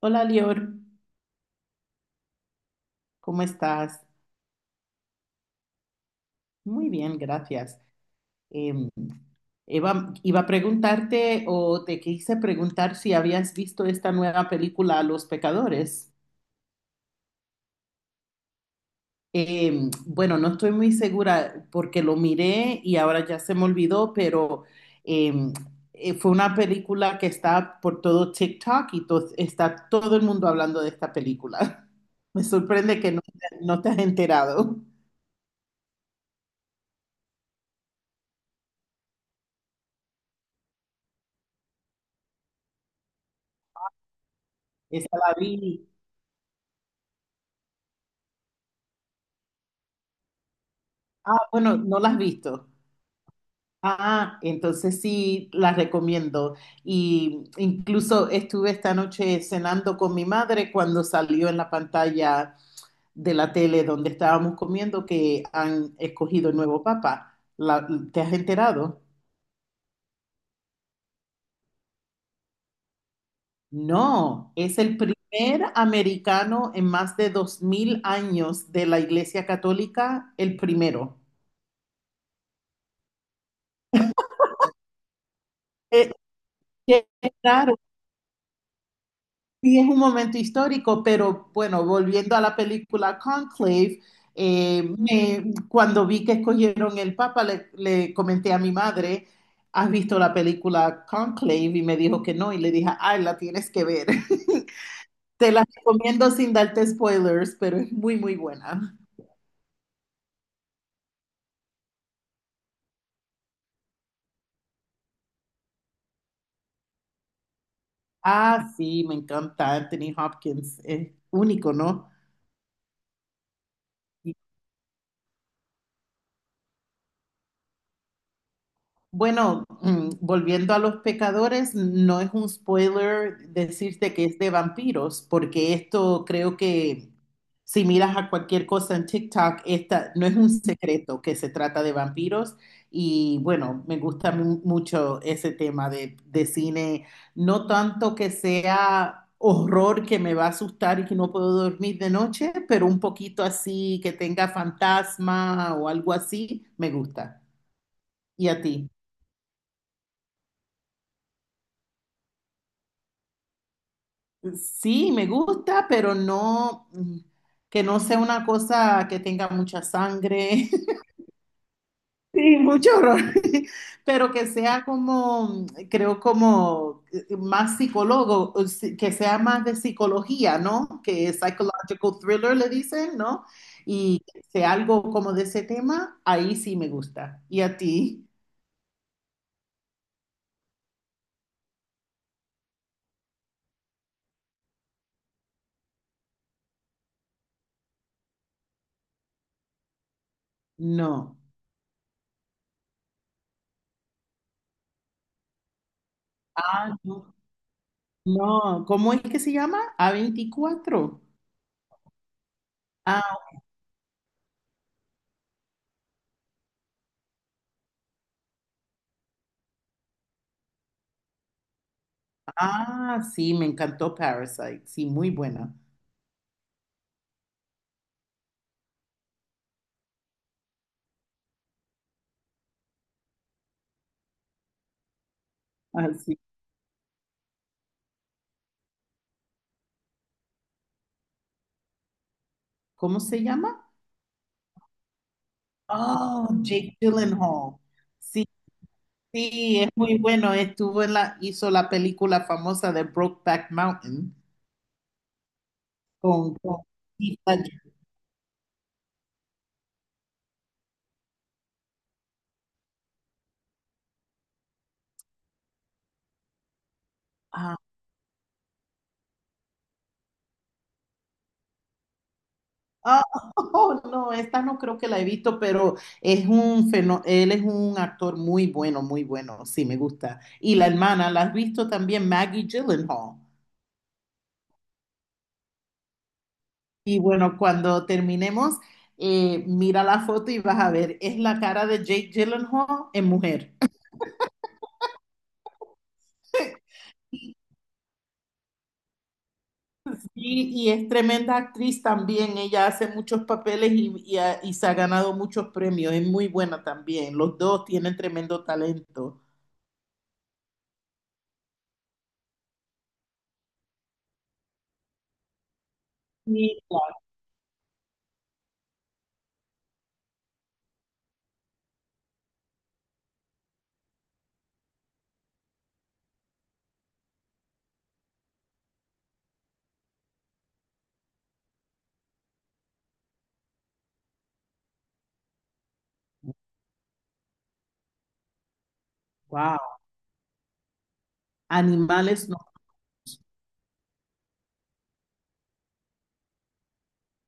Hola, Lior, ¿cómo estás? Muy bien, gracias. Em, Eva, iba a preguntarte o te quise preguntar si habías visto esta nueva película, Los Pecadores. Bueno, no estoy muy segura porque lo miré y ahora ya se me olvidó, pero em, fue una película que está por todo TikTok y está todo el mundo hablando de esta película. Me sorprende que no te has enterado. Esa la vi. Ah, bueno, no las has visto. Ah, entonces sí las recomiendo. Y incluso estuve esta noche cenando con mi madre cuando salió en la pantalla de la tele donde estábamos comiendo que han escogido el nuevo papa. ¿Te has enterado? No, es el primer americano en más de 2000 años de la Iglesia Católica, el primero. Eh, Qué raro. Sí, es un momento histórico, pero bueno, volviendo a la película Conclave, cuando vi que escogieron el Papa, le comenté a mi madre, ¿has visto la película Conclave? Y me dijo que no, y le dije, ay, la tienes que ver. Te la recomiendo sin darte spoilers, pero es muy, muy buena. Ah, sí, me encanta Anthony Hopkins, es único, ¿no? Bueno, volviendo a los pecadores, no es un spoiler decirte que es de vampiros, porque esto creo que si miras a cualquier cosa en TikTok, esta no es un secreto que se trata de vampiros. Y bueno, me gusta mucho ese tema de cine, no tanto que sea horror que me va a asustar y que no puedo dormir de noche, pero un poquito así que tenga fantasma o algo así, me gusta. ¿Y a ti? Sí, me gusta, pero no, que no sea una cosa que tenga mucha sangre y mucho horror, pero que sea como, creo como más psicólogo, o que sea más de psicología, ¿no? Que psychological thriller le dicen, ¿no? Y que sea algo como de ese tema, ahí sí me gusta. ¿Y a ti? No. Ah, no. No, ¿cómo es que se llama? A veinticuatro. Ah, sí, me encantó Parasite. Sí, muy buena. Ah, sí. ¿Cómo se llama? Oh, Jake Gyllenhaal. Sí, sí, es muy bueno. Estuvo en la, hizo la película famosa de Brokeback Mountain con Heath Ledger. Ah, ah, oh, no, esta no creo que la he visto, pero es un él es un actor muy bueno, muy bueno. Sí, me gusta. Y la hermana, ¿la has visto también? Maggie Gyllenhaal. Y bueno, cuando terminemos, mira la foto y vas a ver, es la cara de Jake Gyllenhaal en mujer. Y es tremenda actriz también, ella hace muchos papeles y y se ha ganado muchos premios, es muy buena también, los dos tienen tremendo talento. Y, wow, animales no.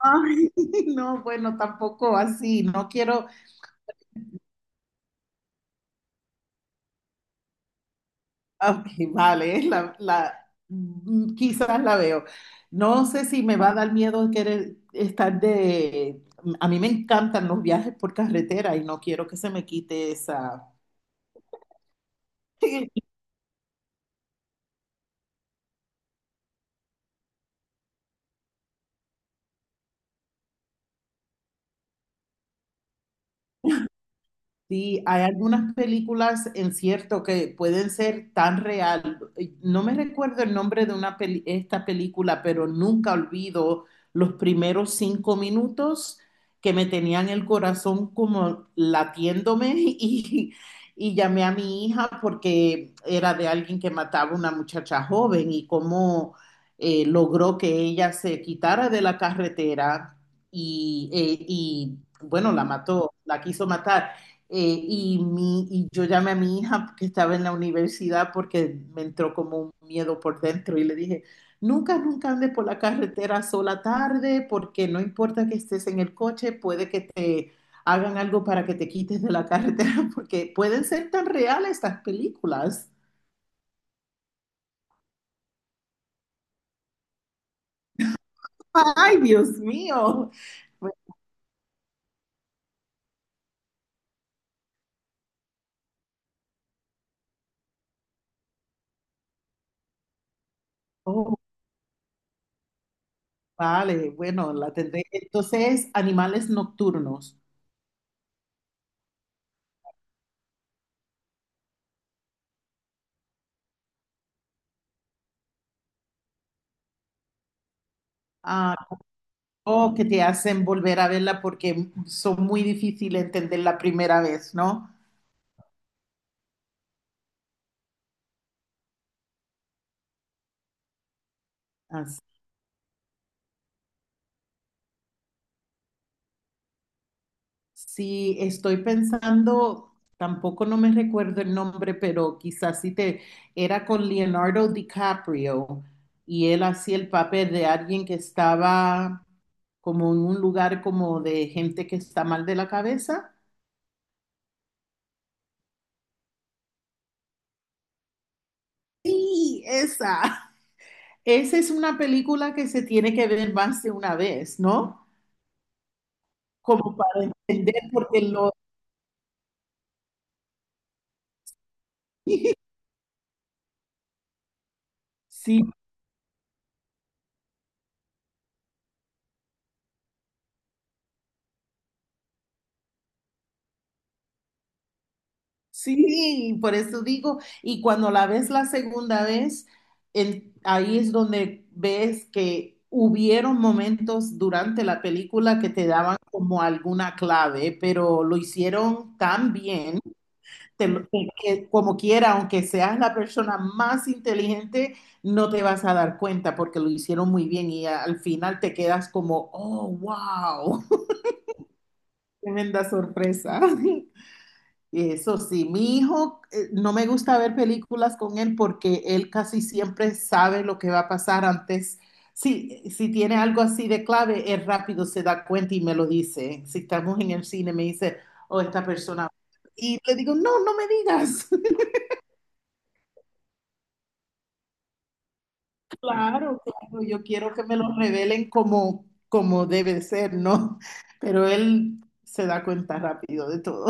Ay, no, bueno, tampoco así, no quiero. Ah, Ok, vale, es la, quizás la veo. No sé si me va a dar miedo querer estar de... A mí me encantan los viajes por carretera y no quiero que se me quite esa. Sí, hay algunas películas en cierto que pueden ser tan real. No me recuerdo el nombre de una esta película, pero nunca olvido los primeros 5 minutos que me tenían el corazón como latiéndome y llamé a mi hija porque era de alguien que mataba a una muchacha joven y cómo logró que ella se quitara de la carretera y bueno, la mató, la quiso matar. Y yo llamé a mi hija que estaba en la universidad porque me entró como un miedo por dentro y le dije, nunca, nunca andes por la carretera sola tarde porque no importa que estés en el coche, puede que te hagan algo para que te quites de la carretera porque pueden ser tan reales estas películas. Ay, Dios mío. Bueno, oh, vale, bueno, la tendré. Entonces, animales nocturnos. Ah, o que te hacen volver a verla porque son muy difíciles de entender la primera vez, ¿no? Así, sí, estoy pensando, tampoco no me recuerdo el nombre, pero quizás sí te, era con Leonardo DiCaprio y él hacía el papel de alguien que estaba como en un lugar como de gente que está mal de la cabeza. Sí, esa. Esa es una película que se tiene que ver más de una vez, ¿no? Como para entender, porque lo, sí, sí, por eso digo, y cuando la ves la segunda vez, ahí es donde ves que hubieron momentos durante la película que te daban como alguna clave, pero lo hicieron tan bien, que como quiera, aunque seas la persona más inteligente, no te vas a dar cuenta porque lo hicieron muy bien y al final te quedas como, oh, wow, tremenda sorpresa. Eso sí, mi hijo, no me gusta ver películas con él porque él casi siempre sabe lo que va a pasar antes. Sí, si tiene algo así de clave, él rápido se da cuenta y me lo dice. Si estamos en el cine, me dice, oh, esta persona. Y le digo, no, no me digas. Claro, claro, yo quiero que me lo revelen como, como debe de ser, ¿no? Pero él se da cuenta rápido de todo.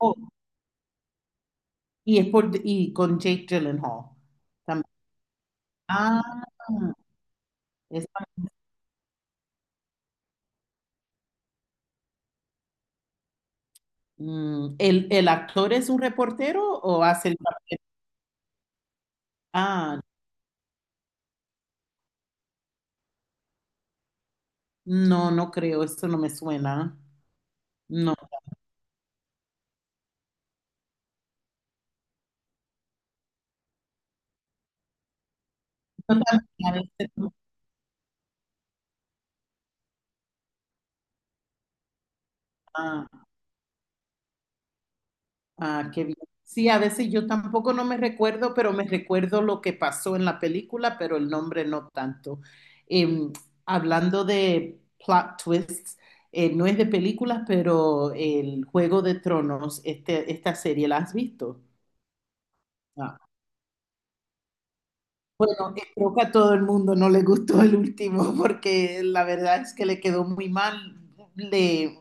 Oh, y es por, y con Jake Gyllenhaal también. Ah. Esa- ¿El, el actor es un reportero o hace el papel? Ah, no, no creo, eso no me suena. No, yo también a veces ah, ah, qué bien. Sí, a veces yo tampoco no me recuerdo, pero me recuerdo lo que pasó en la película, pero el nombre no tanto. Eh, Hablando de plot twists, no es de películas, pero el Juego de Tronos, este, esta serie, ¿la has visto? Bueno, creo que a todo el mundo no le gustó el último porque la verdad es que le quedó muy mal. Le,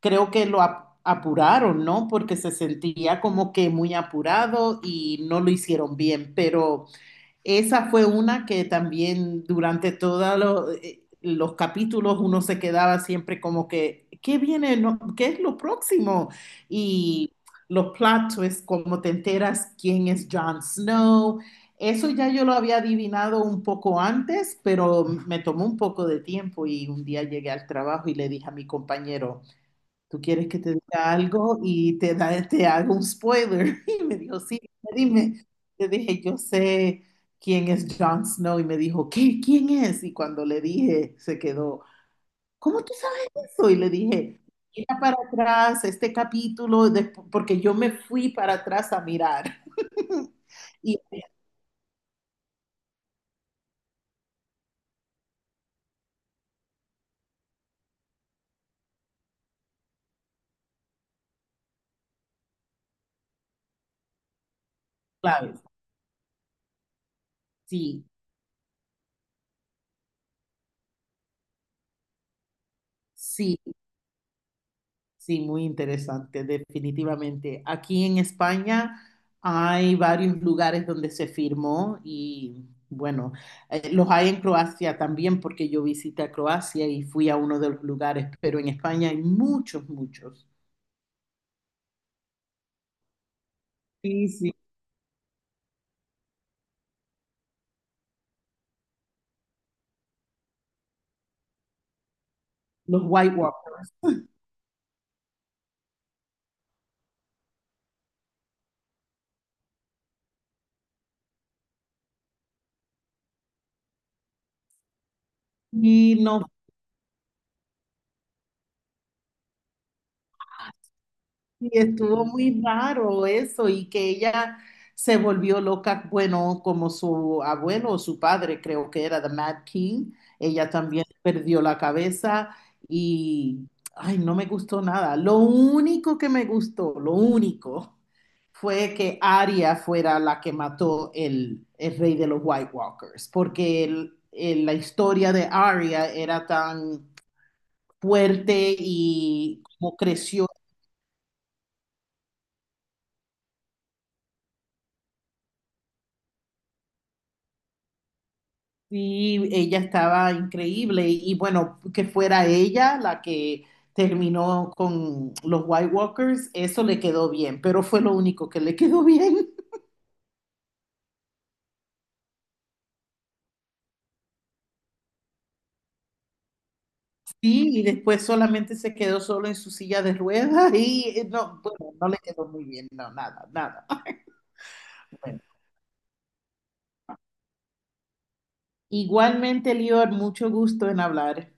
Creo que lo apuraron, ¿no? Porque se sentía como que muy apurado y no lo hicieron bien, pero esa fue una que también durante todos los capítulos uno se quedaba siempre como que, ¿qué viene? No, ¿qué es lo próximo? Y los plot twists, como te enteras quién es Jon Snow. Eso ya yo lo había adivinado un poco antes, pero me tomó un poco de tiempo y un día llegué al trabajo y le dije a mi compañero, tú quieres que te diga algo y te, da, te hago un spoiler. Y me dijo, sí, dime. Le dije, yo sé quién es Jon Snow. Y me dijo, ¿qué? ¿Quién es? Y cuando le dije, se quedó, ¿cómo tú sabes eso? Y le dije, mira para atrás este capítulo, porque yo me fui para atrás a mirar. Y claro, sí, sí. Sí, muy interesante, definitivamente. Aquí en España hay varios lugares donde se firmó y bueno, los hay en Croacia también porque yo visité a Croacia y fui a uno de los lugares, pero en España hay muchos, muchos. Sí, sí. Los White Walkers. Y no. Y estuvo muy raro eso y que ella se volvió loca, bueno, como su abuelo o su padre, creo que era The Mad King, ella también perdió la cabeza y, ay, no me gustó nada. Lo único que me gustó, lo único, fue que Arya fuera la que mató el rey de los White Walkers, porque la historia de Arya era tan fuerte y como creció. Sí, ella estaba increíble y bueno, que fuera ella la que terminó con los White Walkers, eso le quedó bien, pero fue lo único que le quedó bien. Sí, y después solamente se quedó solo en su silla de ruedas y no, bueno, no le quedó muy bien, no, nada, nada. Bueno, igualmente, Lior, mucho gusto en hablar.